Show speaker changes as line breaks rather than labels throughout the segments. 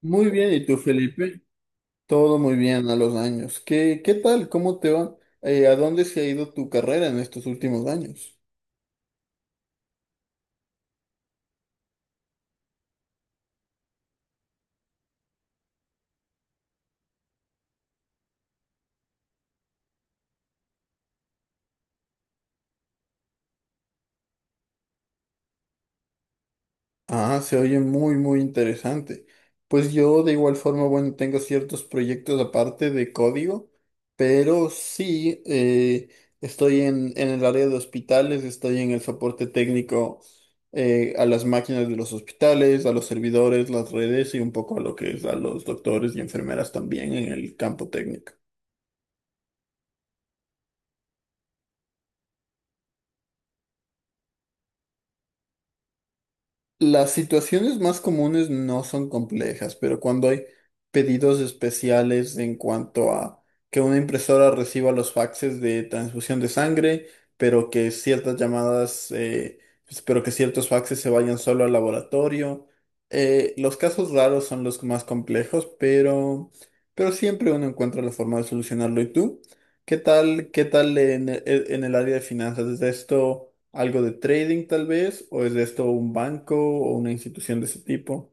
Muy bien, ¿y tú, Felipe? Todo muy bien a los años. ¿¿Qué tal? ¿Cómo te va? ¿A dónde se ha ido tu carrera en estos últimos años? Ah, se oye muy interesante. Pues yo de igual forma, bueno, tengo ciertos proyectos aparte de código, pero sí, estoy en el área de hospitales, estoy en el soporte técnico a las máquinas de los hospitales, a los servidores, las redes y un poco a lo que es a los doctores y enfermeras también en el campo técnico. Las situaciones más comunes no son complejas, pero cuando hay pedidos especiales en cuanto a que una impresora reciba los faxes de transfusión de sangre, pero que ciertas llamadas, pero que ciertos faxes se vayan solo al laboratorio. Los casos raros son los más complejos, pero siempre uno encuentra la forma de solucionarlo. ¿Y tú? ¿¿Qué tal en, en el área de finanzas? ¿Es de esto algo de trading tal vez? ¿O es de esto un banco o una institución de ese tipo?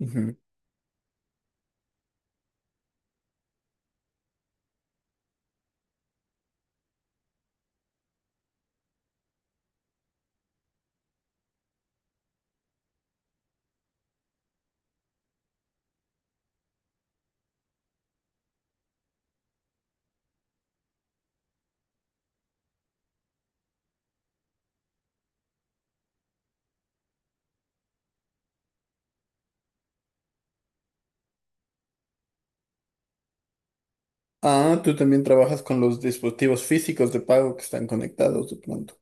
Ujú. Ah, tú también trabajas con los dispositivos físicos de pago que están conectados de pronto.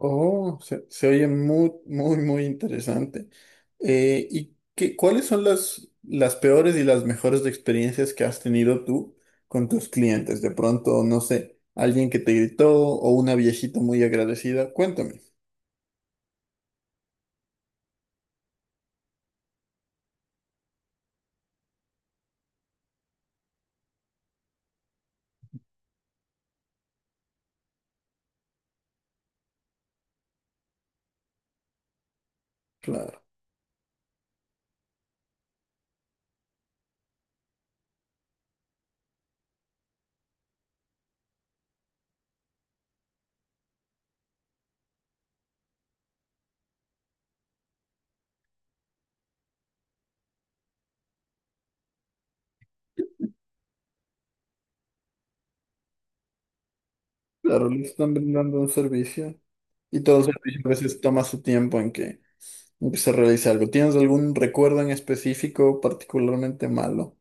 Oh, se oye muy interesante. ¿Y qué, cuáles son las peores y las mejores experiencias que has tenido tú con tus clientes? De pronto, no sé, alguien que te gritó o una viejita muy agradecida. Cuéntame. Claro, claro, le están brindando un servicio y todo el servicio a veces toma su tiempo en en que se realice algo. ¿Tienes algún recuerdo en específico particularmente malo?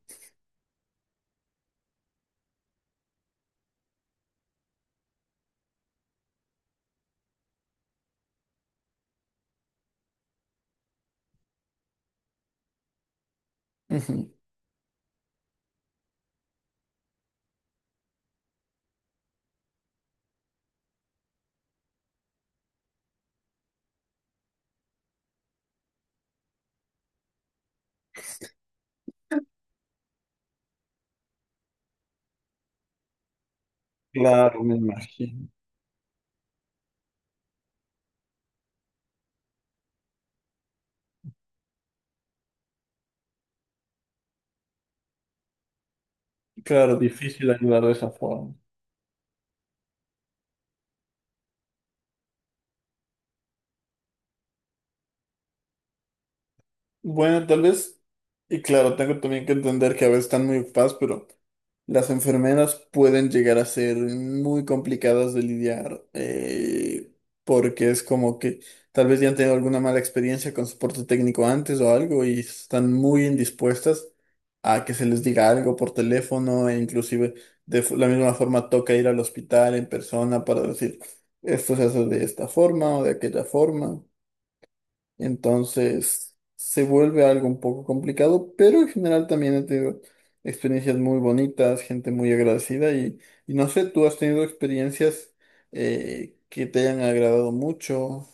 Ujú. Claro, me imagino. Claro, difícil ayudar de esa forma. Bueno, tal vez, y claro, tengo también que entender que a veces están muy ocupadas, pero las enfermeras pueden llegar a ser muy complicadas de lidiar, porque es como que tal vez ya han tenido alguna mala experiencia con soporte técnico antes o algo y están muy indispuestas a que se les diga algo por teléfono e inclusive de la misma forma toca ir al hospital en persona para decir esto se hace de esta forma o de aquella forma. Entonces se vuelve algo un poco complicado, pero en general también he tenido experiencias muy bonitas, gente muy agradecida y no sé, ¿tú has tenido experiencias que te hayan agradado mucho?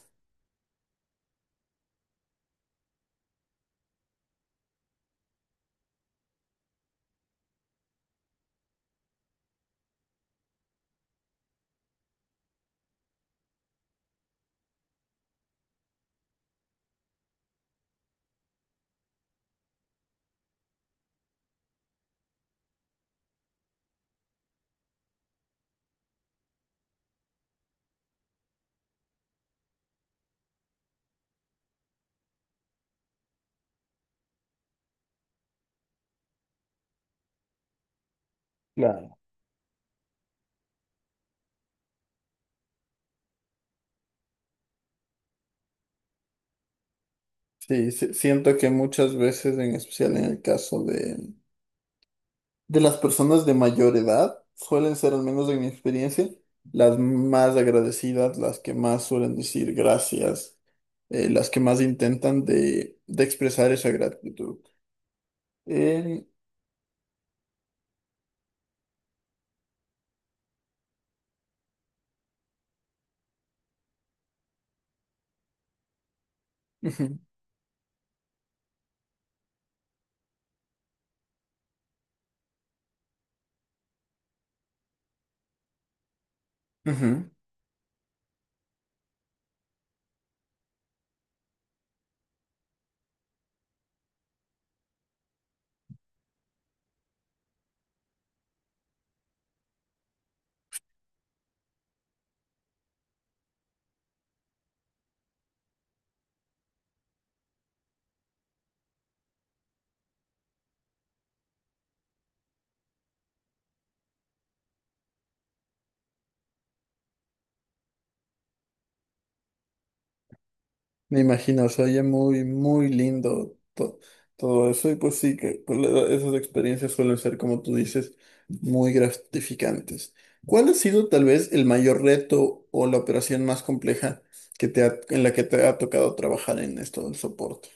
Claro. Sí, sí, siento que muchas veces, en especial en el caso de las personas de mayor edad, suelen ser, al menos en mi experiencia, las más agradecidas, las que más suelen decir gracias, las que más intentan de expresar esa gratitud. Eh, ujú, ujú. Me imagino, se oye muy lindo todo eso. Y pues sí, que con la esas experiencias suelen ser, como tú dices, muy gratificantes. ¿Cuál ha sido tal vez el mayor reto o la operación más compleja que te en la que te ha tocado trabajar en esto del soporte?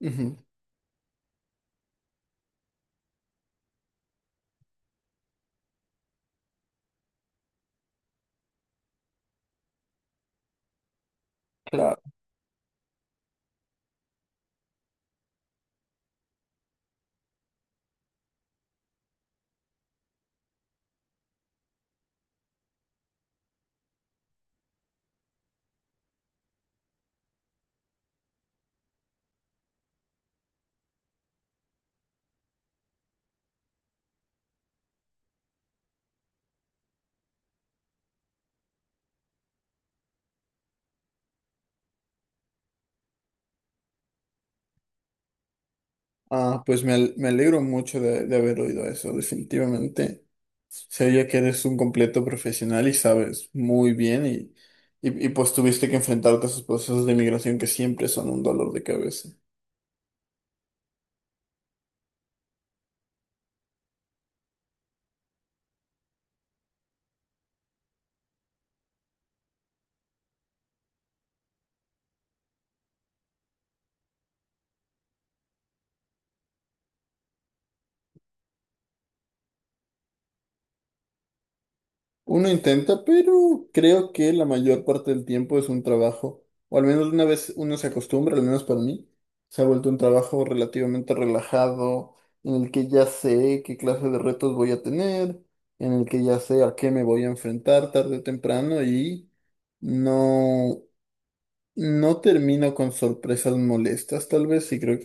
Ujú, claro. Ah, pues me, me alegro mucho de haber oído eso, definitivamente. Se oye que eres un completo profesional y sabes muy bien y pues tuviste que enfrentarte a esos procesos de migración que siempre son un dolor de cabeza. Uno intenta, pero creo que la mayor parte del tiempo es un trabajo, o al menos una vez uno se acostumbra, al menos para mí, se ha vuelto un trabajo relativamente relajado, en el que ya sé qué clase de retos voy a tener, en el que ya sé a qué me voy a enfrentar tarde o temprano y no, no termino con sorpresas molestas, tal vez, y creo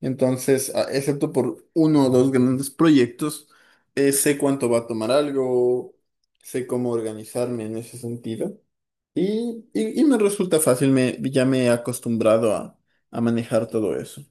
entonces, excepto por uno o dos grandes proyectos, sé cuánto va a tomar algo, sé cómo organizarme en ese sentido. Y me resulta fácil, me, ya me he acostumbrado a manejar todo eso.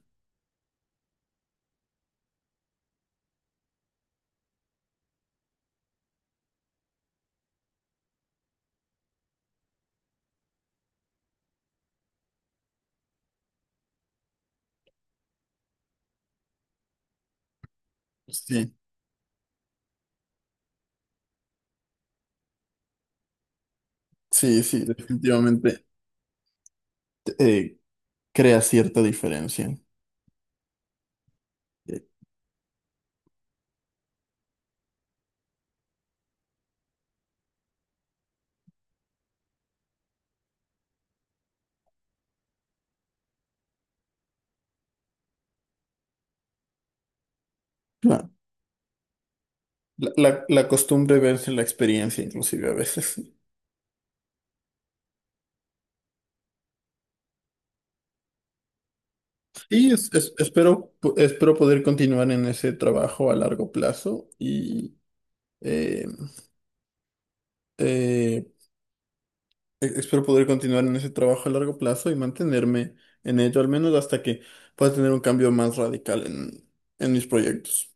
Sí, sí, definitivamente eh, crea cierta diferencia. Eh, claro. La, la costumbre verse la experiencia, inclusive a veces. Y espero, espero poder continuar en ese trabajo a largo plazo y eh, eh, Espero poder continuar en ese trabajo a largo plazo y mantenerme en ello, al menos hasta que pueda tener un cambio más radical en mis proyectos.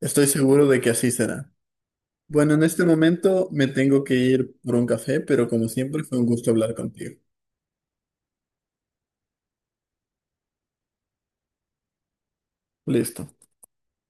Estoy seguro de que así será. Bueno, en este momento me tengo que ir por un café, pero como siempre fue un gusto hablar contigo. Listo.